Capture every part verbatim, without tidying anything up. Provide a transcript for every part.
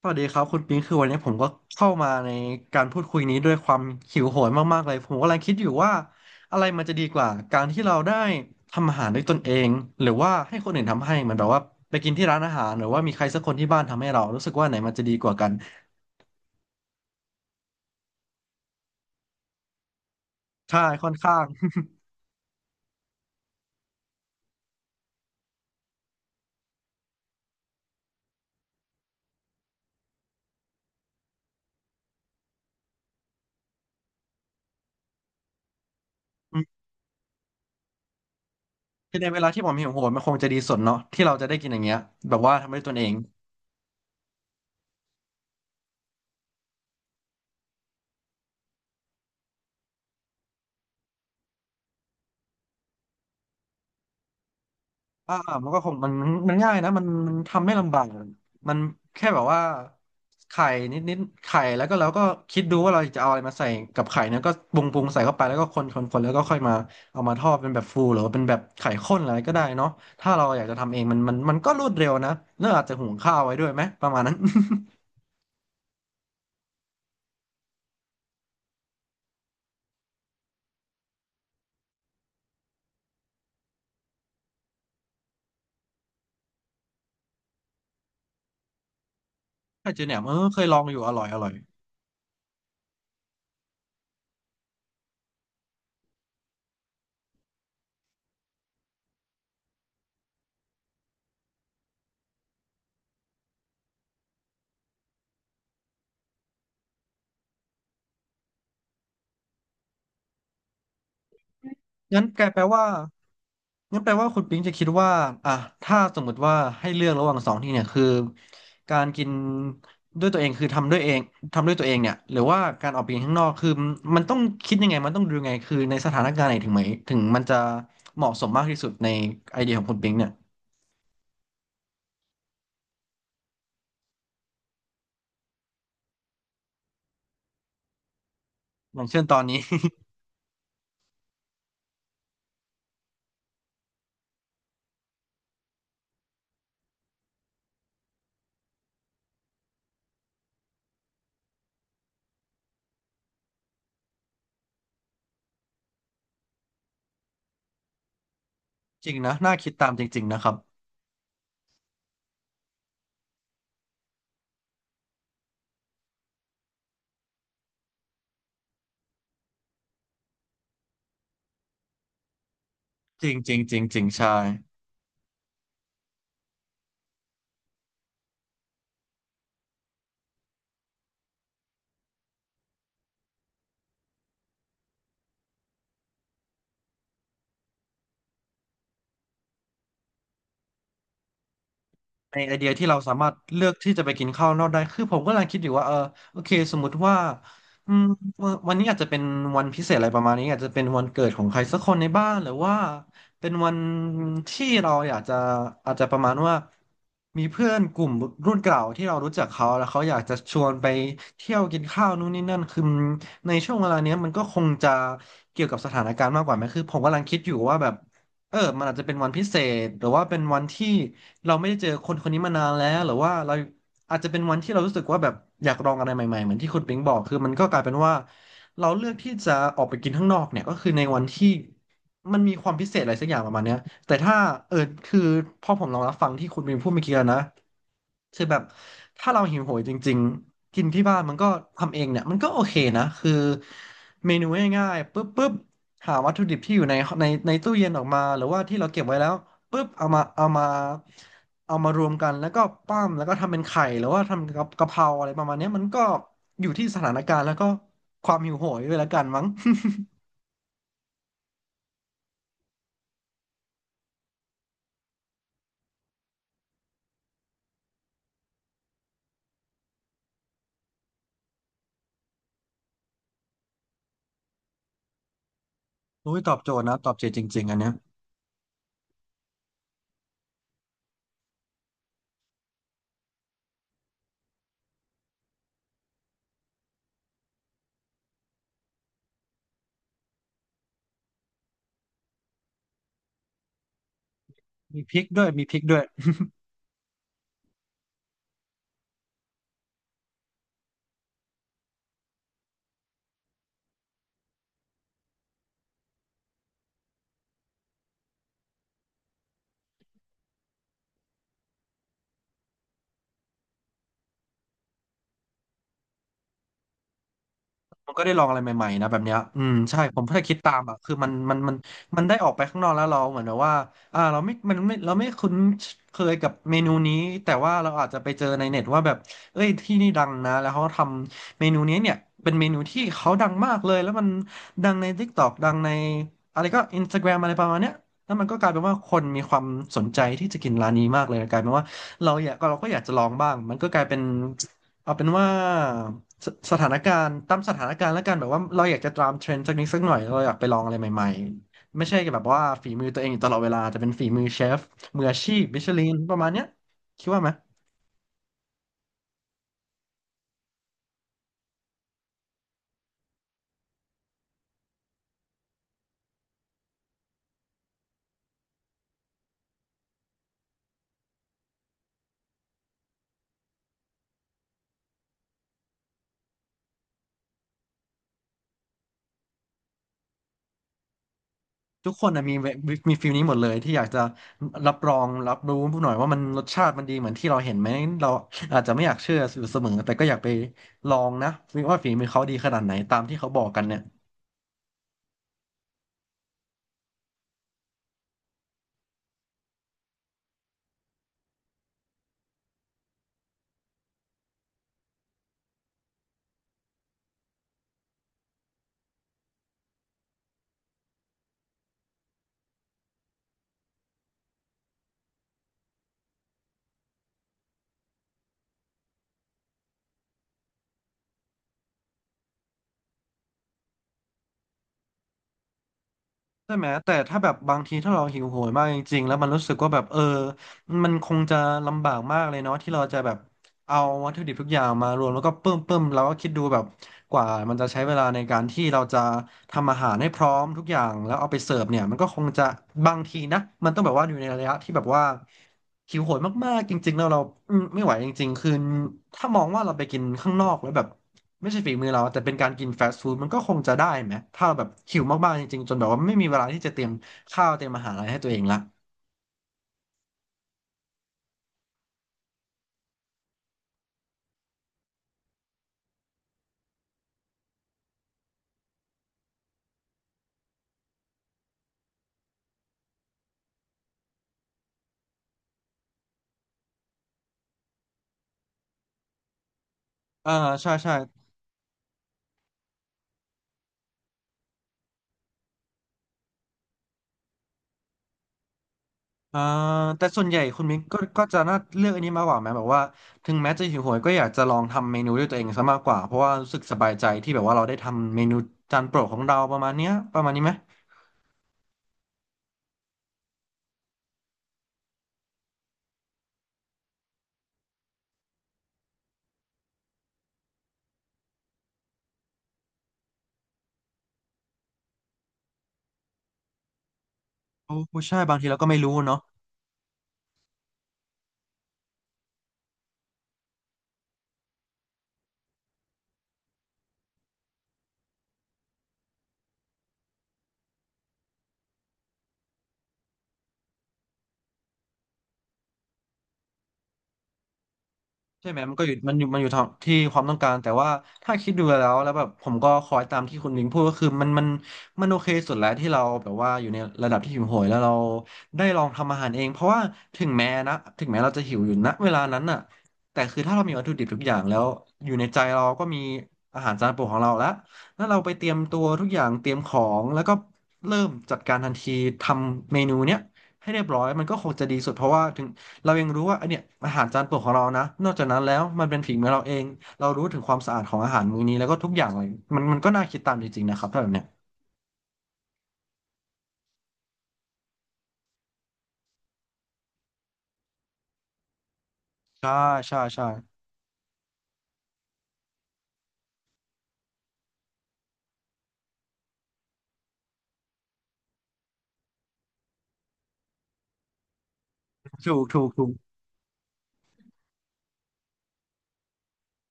สวัสดีครับคุณปิงคือวันนี้ผมก็เข้ามาในการพูดคุยนี้ด้วยความหิวโหยมากๆเลยผมกำลังคิดอยู่ว่าอะไรมันจะดีกว่าการที่เราได้ทำอาหารด้วยตนเองหรือว่าให้คนอื่นทำให้เหมือนแบบว่าไปกินที่ร้านอาหารหรือว่ามีใครสักคนที่บ้านทำให้เรารู้สึกว่าไหนมันจะดีกว่ากันใช่ค่อนข้าง คือในเวลาที่ผมหิวโหยมันคงจะดีสุดเนาะที่เราจะได้กินอย่างเงี้ยแบบว่าทำด้วยตนเอง อ่ามันก็คงมันมันมันง่ายนะมันมันทำไม่ลำบากมันแค่แบบว่าไข่นิดนิดไข่แล้วก็เราก็คิดดูว่าเราจะเอาอะไรมาใส่กับไข่เนี่ยก็ปรุงปรุงใส่เข้าไปแล้วก็คนคนคนแล้วก็ค่อยมาเอามาทอดเป็นแบบฟูหรือว่าเป็นแบบไข่ข้นอะไรก็ได้เนาะถ้าเราอยากจะทำเองมันมันมันก็รวดเร็วนะเน้วอาจจะหุงข้าวไว้ด้วยไหมประมาณนั้น ไข่เจียวแหนมเออเคยลองอยู่อร่อยอร่อย งั้นแกแปลว่างั้นแปลว่าคุณปิงจะคิดว่าอ่ะถ้าสมมุติว่าให้เลือกระหว่างสองที่เนี่ยคือการกินด้วยตัวเองคือทำด้วยเองทำด้วยตัวเองเนี่ยหรือว่าการออกไปกินข้างนอกคือมันต้องคิดยังไงมันต้องดูยังไงคือในสถานการณ์ไหนถึงไหมถึงมันจะเหมาะสมมากที่สุดในไอเดียของคุณปิงเนี่ยอย่างเช่นตอนนี้ จริงนะน่าคิดตามจริงๆนะครับจริงจริงจริงจริงใช่ ในไอเดียที่เราสามารถเลือกที่จะไปกินข้าวนอกได้คือผมก็กำลังคิดอยู่ว่าเออโอเคสมมุติว่าอืมวันนี้อาจจะเป็นวันพิเศษอะไรประมาณนี้อาจจะเป็นวันเกิดของใครสักคนในบ้านหรือว่าเป็นวันที่เราอยากจะอาจจะประมาณว่ามีเพื่อนกลุ่มรุ่นเก่าที่เรารู้จักเขาแล้วเขาอยากจะชวนไปเที่ยวกินข้าวนู่นนี่นั่นคือในช่วงเวลาเนี้ยมันก็คงจะเกี่ยวกับสถานการณ์มากกว่าไหมคือผมกำลังคิดอยู่ว่าแบบเออมันอาจจะเป็นวันพิเศษหรือว่าเป็นวันที่ เราไม่ได้เจอคนคนนี้มานานแล้วหรือว่าเราอาจจะเป็นวันที่เรารู้สึกว่าแบบอยากลองอะไรใหม่ๆเหมือนที่คุณปิงบอกคือมันก็กลายเป็นว่าเราเลือกที่จะออกไปกินข้างนอกเนี่ยก็คือในวันที่มันมีความพิเศษอะไรสักอย่างประมาณเนี้ยแต่ถ้าเออคือพอผมลองรับฟังที่คุณปิงพูดเมื่อกี้แล้วนะคือแบบถ้าเราหิวโหยจริงๆกินที่บ้านมันก็ทำเองเนี่ยมันก็โอเคนะคือเมนูง่ายๆปุ๊บปุ๊บหาวัตถุดิบที่อยู่ในในในตู้เย็นออกมาหรือว่าที่เราเก็บไว้แล้ว ปุ๊บเอามาเอามาเอามารวมกันแล้วก็ปั้มแล้วก็ทำเป็นไข่หรือว่าทำกับกะเพราอะไรประมาณเนี้ยมันก็อยู่ที่สถานการณ์แล้วก็ความหิวโหยด้วยละกันมั้ง โอ้ยตอบโจทย์นะตอบโจทย์จริงๆอันเนี้ยมีพริกด้วยมีพริกด้วย มันก็ได้ลองอะไรใหม่ๆนะแบบเนี้ยอืมใช่ผมแค่คิดตามอ่ะคือมันมันมันมันได้ออกไปข้างนอกแล้วเราเหมือนแบบว่าอ่าเราไม่มันไม่เราไม่คุ้นเคยกับเมนูนี้แต่ว่าเราอาจจะไปเจอในเน็ตว่าแบบเอ้ยที่นี่ดังนะแล้วเขาทำเมนูนี้เนี่ยเป็นเมนูที่เขาดังมากเลยแล้วมันดังใน TikTok ดังในอะไรก็ Instagram อะไรประมาณเนี้ยแล้วมันก็กลายเป็นว่าคนมีความสนใจที่จะกินร้านนี้มากเลยกลายเป็นว่าเราอยากเราก็อยากจะลองบ้างมันก็กลายเป็นเอาเป็นว่า สสถานการณ์ตามสถานการณ์แล้วกันแบบว่าเราอยากจะตามเทรนด์สักนิดสักหน่อยเราอยากไปลองอะไรใหม่ๆไม่ใช่แบบว่าฝีมือตัวเองอยู่ตลอดเวลาจะเป็นฝีมือเชฟมืออาชีพมิชลินประมาณเนี้ยคิดว่าไหมทุกคนนะมีเวมีมฟีลนี้หมดเลยที่อยากจะรับรองรับรูู้้หน่อยว่ามันรสชาติมันดีเหมือนที่เราเห็นไหมเราอาจจะไม่อยากเชื่ออยู่เสมอแต่ก็อยากไปลองนะว่าฝีมือเขาดีขนาดไหนตามที่เขาบอกกันเนี่ย ใช่ไหม แต่ถ้าแบบบางทีถ้าเราหิวโหยมากจริงๆ แล้วมันรู้สึกว่าแบบเออมันคงจะลำบากมากเลยเนาะที่เราจะแบบ เอาวัตถุดิบทุกอย่างมารวมแล้วก็ปึ้มปึ้มแล้วก็คิดดูแบบกว่ามันจะใช้เวลาในการที่เราจะทำอาหารให้พร้อมทุกอย่างแล้วเอาไปเสิร์ฟเนี่ยมันก็คงจะบางทีนะมันต้องแบบว่าอยู่ในระยะที่แบบว่าหิวโหยมากๆจริงๆแล้วเราอืมไม่ไหวจริงๆคือถ้ามองว่าเราไปกินข้างนอกแล้วแบบไม่ใช่ฝีมือเราแต่เป็นการกินฟาสต์ฟู้ดมันก็คงจะได้ไหมถ้าเราแบบหิวมากๆจริงๆจนแบบว่าไม่มีเวลาที่จะเตรียมข้าวเตรียมอาหารอะไรให้ตัวเองละอ่าใช่ใช่ อ่าแต่ส่วนใหญ่คุณมิ้งก็ก็จะน่าเลือกอันนี้มากกว่าไหมแบบว่าถึงแม้จะหิวโหยก็อยากจะลองทำเมนูด้วยตัวเองซะมากกว่าเพราะว่ารู้สึกสบายใจที่แบบว่าเราได้ทำเมนูจานโปรดของเราประมาณเนี้ยประมาณนี้ไหมโอ้ใช่บางทีเราก็ไม่รู้เนาะ ใช่ไหมมันก็อยู่มันอยู่มันอยู่ทางที่ความต้องการแต่ว่าถ้าคิดดูแล้วแล้วแบบผมก็คอยตามที่คุณลิงพูดก็คือมันมันมันโอเคสุดแล้วที่เราแบบว่าอยู่ในระดับที่หิวโหยแล้วเราได้ลองทำอาหารเองเพราะว่าถึงแม้นะถึงแม้เราจะหิวอยู่ณเวลานั้นน่ะแต่คือถ้าเรามีวัตถุดิบทุกอย่างแล้วอยู่ในใจเราก็มีอาหารจานโปรดของเราแล้วแล้วเราไปเตรียมตัวทุกอย่างเตรียมของแล้วก็เริ่มจัดการทันทีทำเมนูเนี้ยให้เรียบร้อยมันก็คงจะดีสุดเพราะว่าถึง เรายังรู้ว่าไอเนี่ยอาหารจานโปรดของเรานะนอกจากนั้นแล้วมันเป็นฝีมือเราเองเรารู้ถึงความสะอาดของอาหารมื้อนี้แล้วก็ทุกอย่างเลยมันมันก็น่าคิดตามจริงๆนะครับถ้าแบบเนี้ยใช่ใช่ใช่ถูกถูกถูก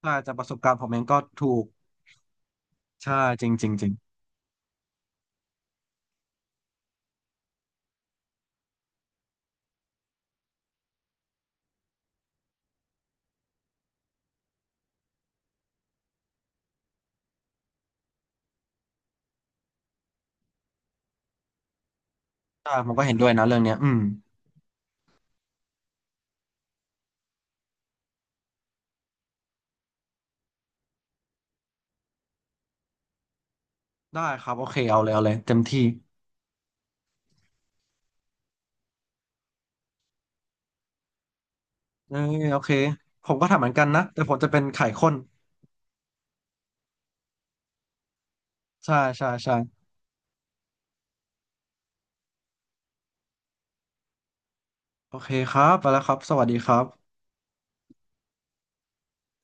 ใช่จากประสบการณ์ผมเองก็ถูกใช่จริงจริงจริงใช่ผมก็เห็นด้วยนะเรื่องเนี้ยอืมได้ครับโอเคเอาเลยเอาเลยเต็มที่เออโอเคผมก็ทำเหมือนกันนะแต่ผมจะเป็นไข่ข้นใช่ใช่ใช่โอเคครับไปแล้วครับสวัสดีครับ